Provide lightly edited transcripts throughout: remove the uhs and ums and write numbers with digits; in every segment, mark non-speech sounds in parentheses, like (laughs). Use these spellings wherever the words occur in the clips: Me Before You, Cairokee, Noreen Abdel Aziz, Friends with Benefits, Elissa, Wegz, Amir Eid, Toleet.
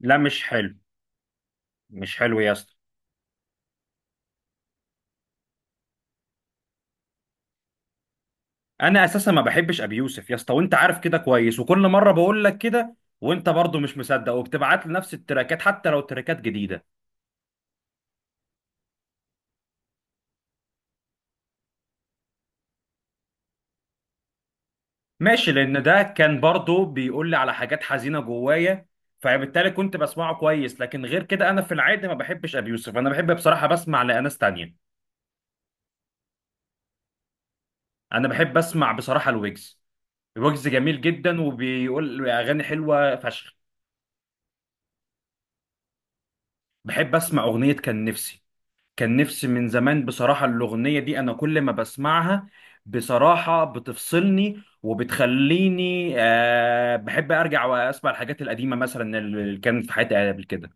لا مش حلو. مش حلو يا اسطى. انا اساسا ما بحبش ابي يوسف يا اسطى، وانت عارف كده كويس وكل مره بقول لك كده. وانت برضو مش مصدق وبتبعت لي نفس التراكات حتى لو تراكات جديده. ماشي، لان ده كان برضو بيقول لي على حاجات حزينه جوايا، فبالتالي كنت بسمعه كويس. لكن غير كده انا في العادي ما بحبش ابي يوسف، انا بحب بصراحه بسمع لاناس تانية. انا بحب اسمع بصراحه الويجز. الويجز جميل جدا وبيقول اغاني حلوه فشخ. بحب اسمع اغنيه كان نفسي. كان نفسي من زمان، بصراحة الأغنية دي أنا كل ما بسمعها بصراحة بتفصلني وبتخليني. بحب أرجع وأسمع الحاجات القديمة مثلا اللي كانت في حياتي قبل كده.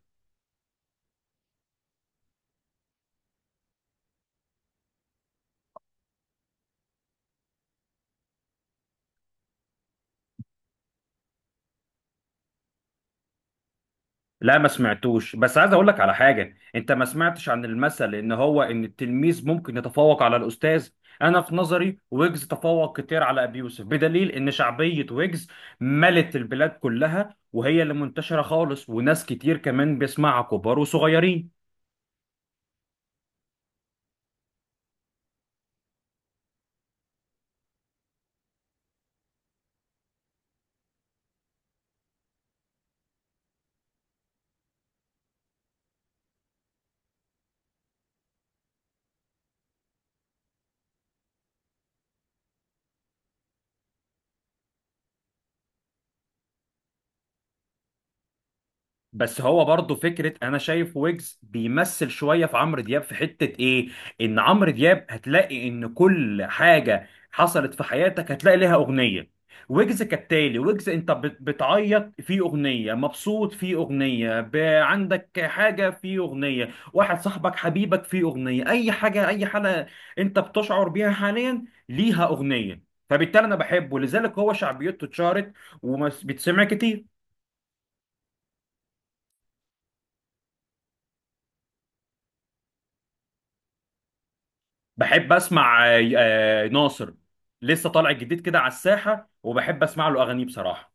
لا ما سمعتوش، بس عايز أقول لك على حاجة. أنت ما سمعتش عن المثل إن هو إن التلميذ ممكن يتفوق على الأستاذ. أنا في نظري ويجز تفوق كتير على أبي يوسف، بدليل إن شعبية ويجز ملت البلاد كلها وهي اللي منتشرة خالص، وناس كتير كمان بيسمعها كبار وصغيرين. بس هو برضه فكرة، أنا شايف ويجز بيمثل شوية في عمرو دياب في حتة إيه؟ إن عمرو دياب هتلاقي إن كل حاجة حصلت في حياتك هتلاقي لها أغنية. ويجز كالتالي، ويجز أنت بتعيط في أغنية، مبسوط في أغنية، عندك حاجة في أغنية، واحد صاحبك حبيبك في أغنية، أي حاجة أي حالة أنت بتشعر بيها حاليا ليها أغنية. فبالتالي أنا بحبه، لذلك هو شعبيته اتشهرت وبتسمع كتير. بحب اسمع ناصر. لسه طالع جديد كده على الساحه، وبحب اسمع له اغانيه بصراحه.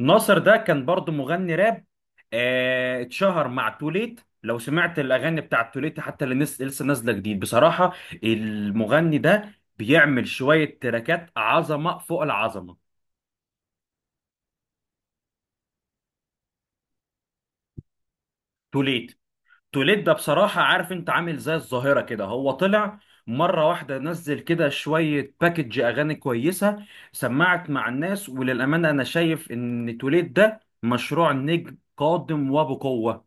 ناصر ده كان برضو مغني راب. اتشهر مع توليت. لو سمعت الاغاني بتاعت توليت حتى اللي لسه نازله جديد بصراحه، المغني ده بيعمل شويه تراكات عظمه فوق العظمه. توليت. توليد ده بصراحة، عارف انت عامل زي الظاهرة كده. هو طلع مرة واحدة، نزل كده شوية باكج أغاني كويسة، سمعت مع الناس، وللأمانة أنا شايف إن توليد ده مشروع نجم قادم وبقوة.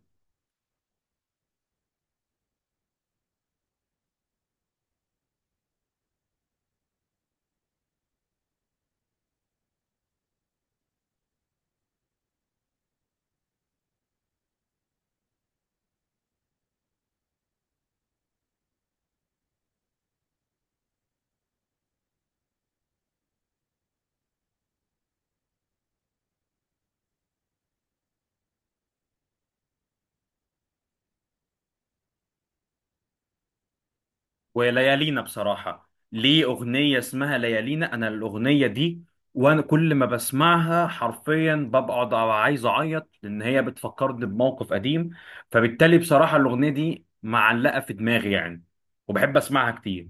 وليالينا، بصراحة ليه أغنية اسمها ليالينا، أنا الأغنية دي وأنا كل ما بسمعها حرفيا ببقى عايز أعيط، لأن هي بتفكرني بموقف قديم. فبالتالي بصراحة الأغنية دي معلقة في دماغي يعني، وبحب أسمعها كتير.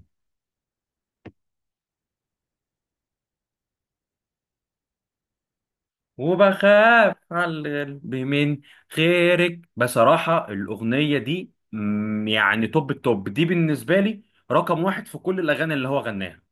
وبخاف على القلب من غيرك. بصراحة الأغنية دي يعني توب التوب دي بالنسبة لي، رقم واحد في كل الأغاني اللي هو غناها.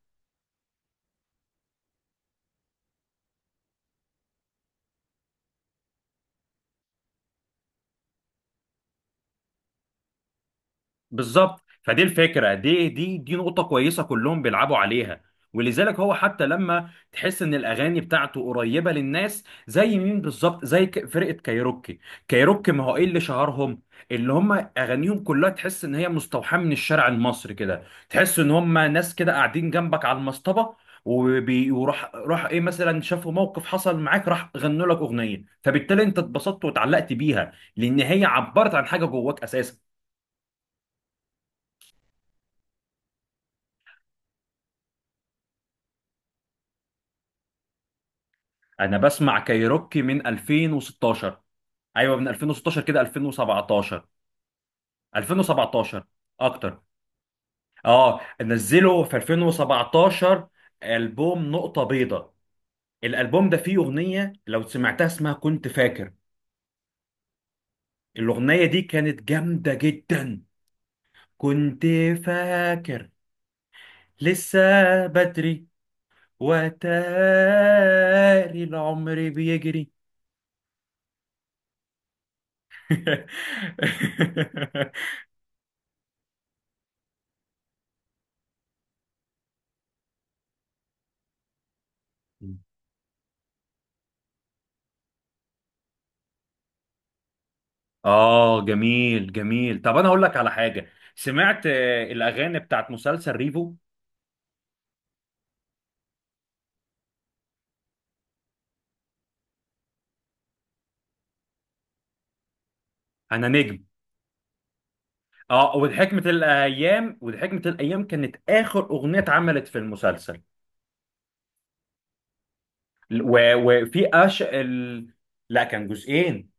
بالظبط، فدي الفكره دي دي نقطه كويسه كلهم بيلعبوا عليها. ولذلك هو حتى لما تحس ان الاغاني بتاعته قريبه للناس زي مين، بالظبط زي فرقه كايروكي. كايروكي، ما هو ايه اللي شهرهم؟ اللي هم اغانيهم كلها تحس ان هي مستوحاه من الشارع المصري كده، تحس ان هم ناس كده قاعدين جنبك على المصطبه. وراح ايه، مثلا شافوا موقف حصل معاك راح غنوا لك اغنيه، فبالتالي انت اتبسطت واتعلقت بيها لان هي عبرت عن حاجه جواك اساسا. انا بسمع كايروكي من 2016. ايوه، من 2016 كده، 2017. 2017، اكتر. اه، نزلوا في 2017. البوم نقطة بيضاء، الالبوم ده فيه اغنية لو سمعتها اسمها كنت فاكر. الاغنية دي كانت جامدة جدا. كنت فاكر، لسه بدري، وتاري العمر بيجري. (laughs) اه جميل جميل. طب انا اقول لك على حاجه، سمعت الاغاني بتاعت مسلسل ريفو؟ انا نجم. اه، وحكمه الايام. وحكمه الايام كانت اخر اغنيه اتعملت في المسلسل. وفي أش لا، كان جزئين.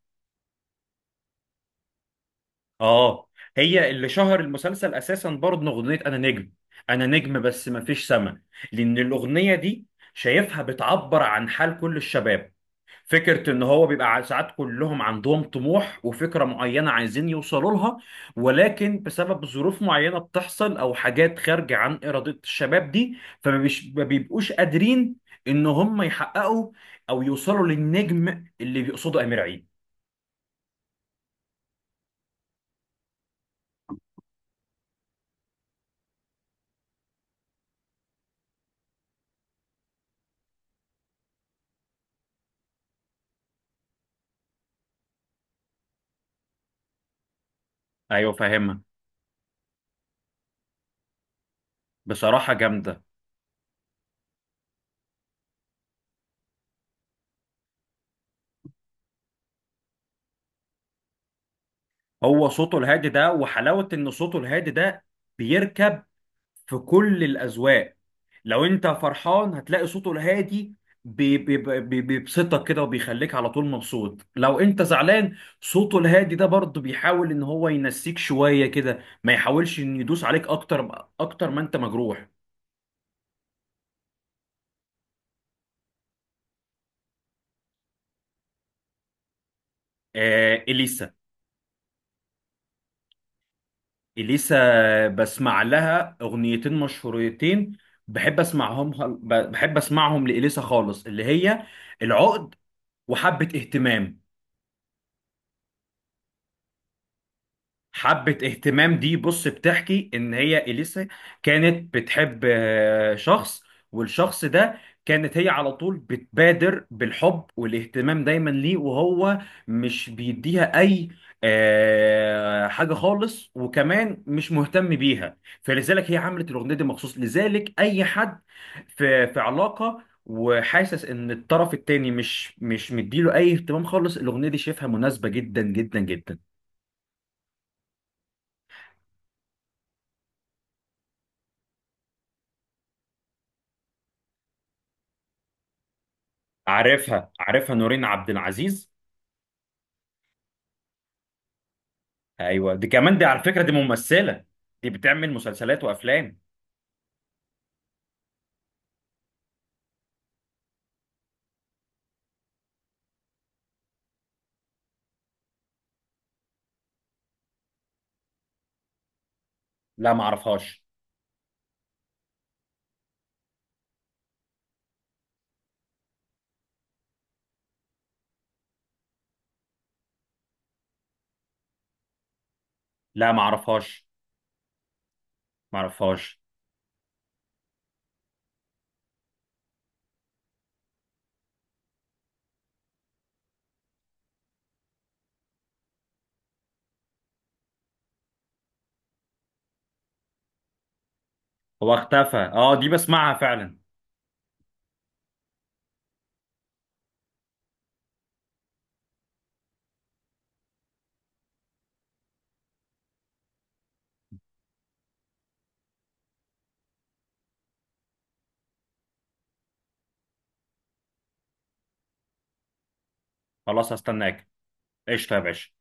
اه. هي اللي شهر المسلسل اساسا برضه، اغنيه انا نجم. انا نجم بس ما فيش سما. لان الاغنيه دي شايفها بتعبر عن حال كل الشباب. فكرة إن هو بيبقى ساعات كلهم عندهم طموح وفكرة معينة عايزين يوصلوا لها، ولكن بسبب ظروف معينة بتحصل أو حاجات خارجة عن إرادة الشباب دي ما بيبقوش قادرين إن هم يحققوا أو يوصلوا للنجم اللي بيقصده أمير عيد. أيوه فاهمها، بصراحة جامدة. هو صوته الهادي ده، وحلاوة إن صوته الهادي ده بيركب في كل الأذواق. لو أنت فرحان هتلاقي صوته الهادي بيبسطك كده وبيخليك على طول مبسوط. لو أنت زعلان صوته الهادي ده برضه بيحاول إن هو ينسيك شوية كده، ما يحاولش إن يدوس عليك أكتر، أكتر ما أنت مجروح. آه إليسا. إليسا بسمع لها أغنيتين مشهورتين، بحب أسمعهم. بحب أسمعهم لإليسا خالص، اللي هي العقد وحبة اهتمام. حبة اهتمام دي بص، بتحكي ان هي اليسا كانت بتحب شخص، والشخص ده كانت هي على طول بتبادر بالحب والاهتمام دايما ليه، وهو مش بيديها اي حاجة خالص وكمان مش مهتم بيها. فلذلك هي عملت الاغنية دي مخصوص، لذلك اي حد في علاقة وحاسس ان الطرف التاني مش مديله اي اهتمام خالص، الاغنية دي شايفها مناسبة جدا جدا جدا. عارفها عارفها، نورين عبد العزيز. ايوه، دي كمان دي على فكره دي ممثله، دي بتعمل مسلسلات وافلام. لا ما اعرفهاش. لا ما اعرفهاش. ما اعرفهاش. هو اختفى، اه دي بسمعها فعلا. خلاص هستناك. قشطه يا باشا.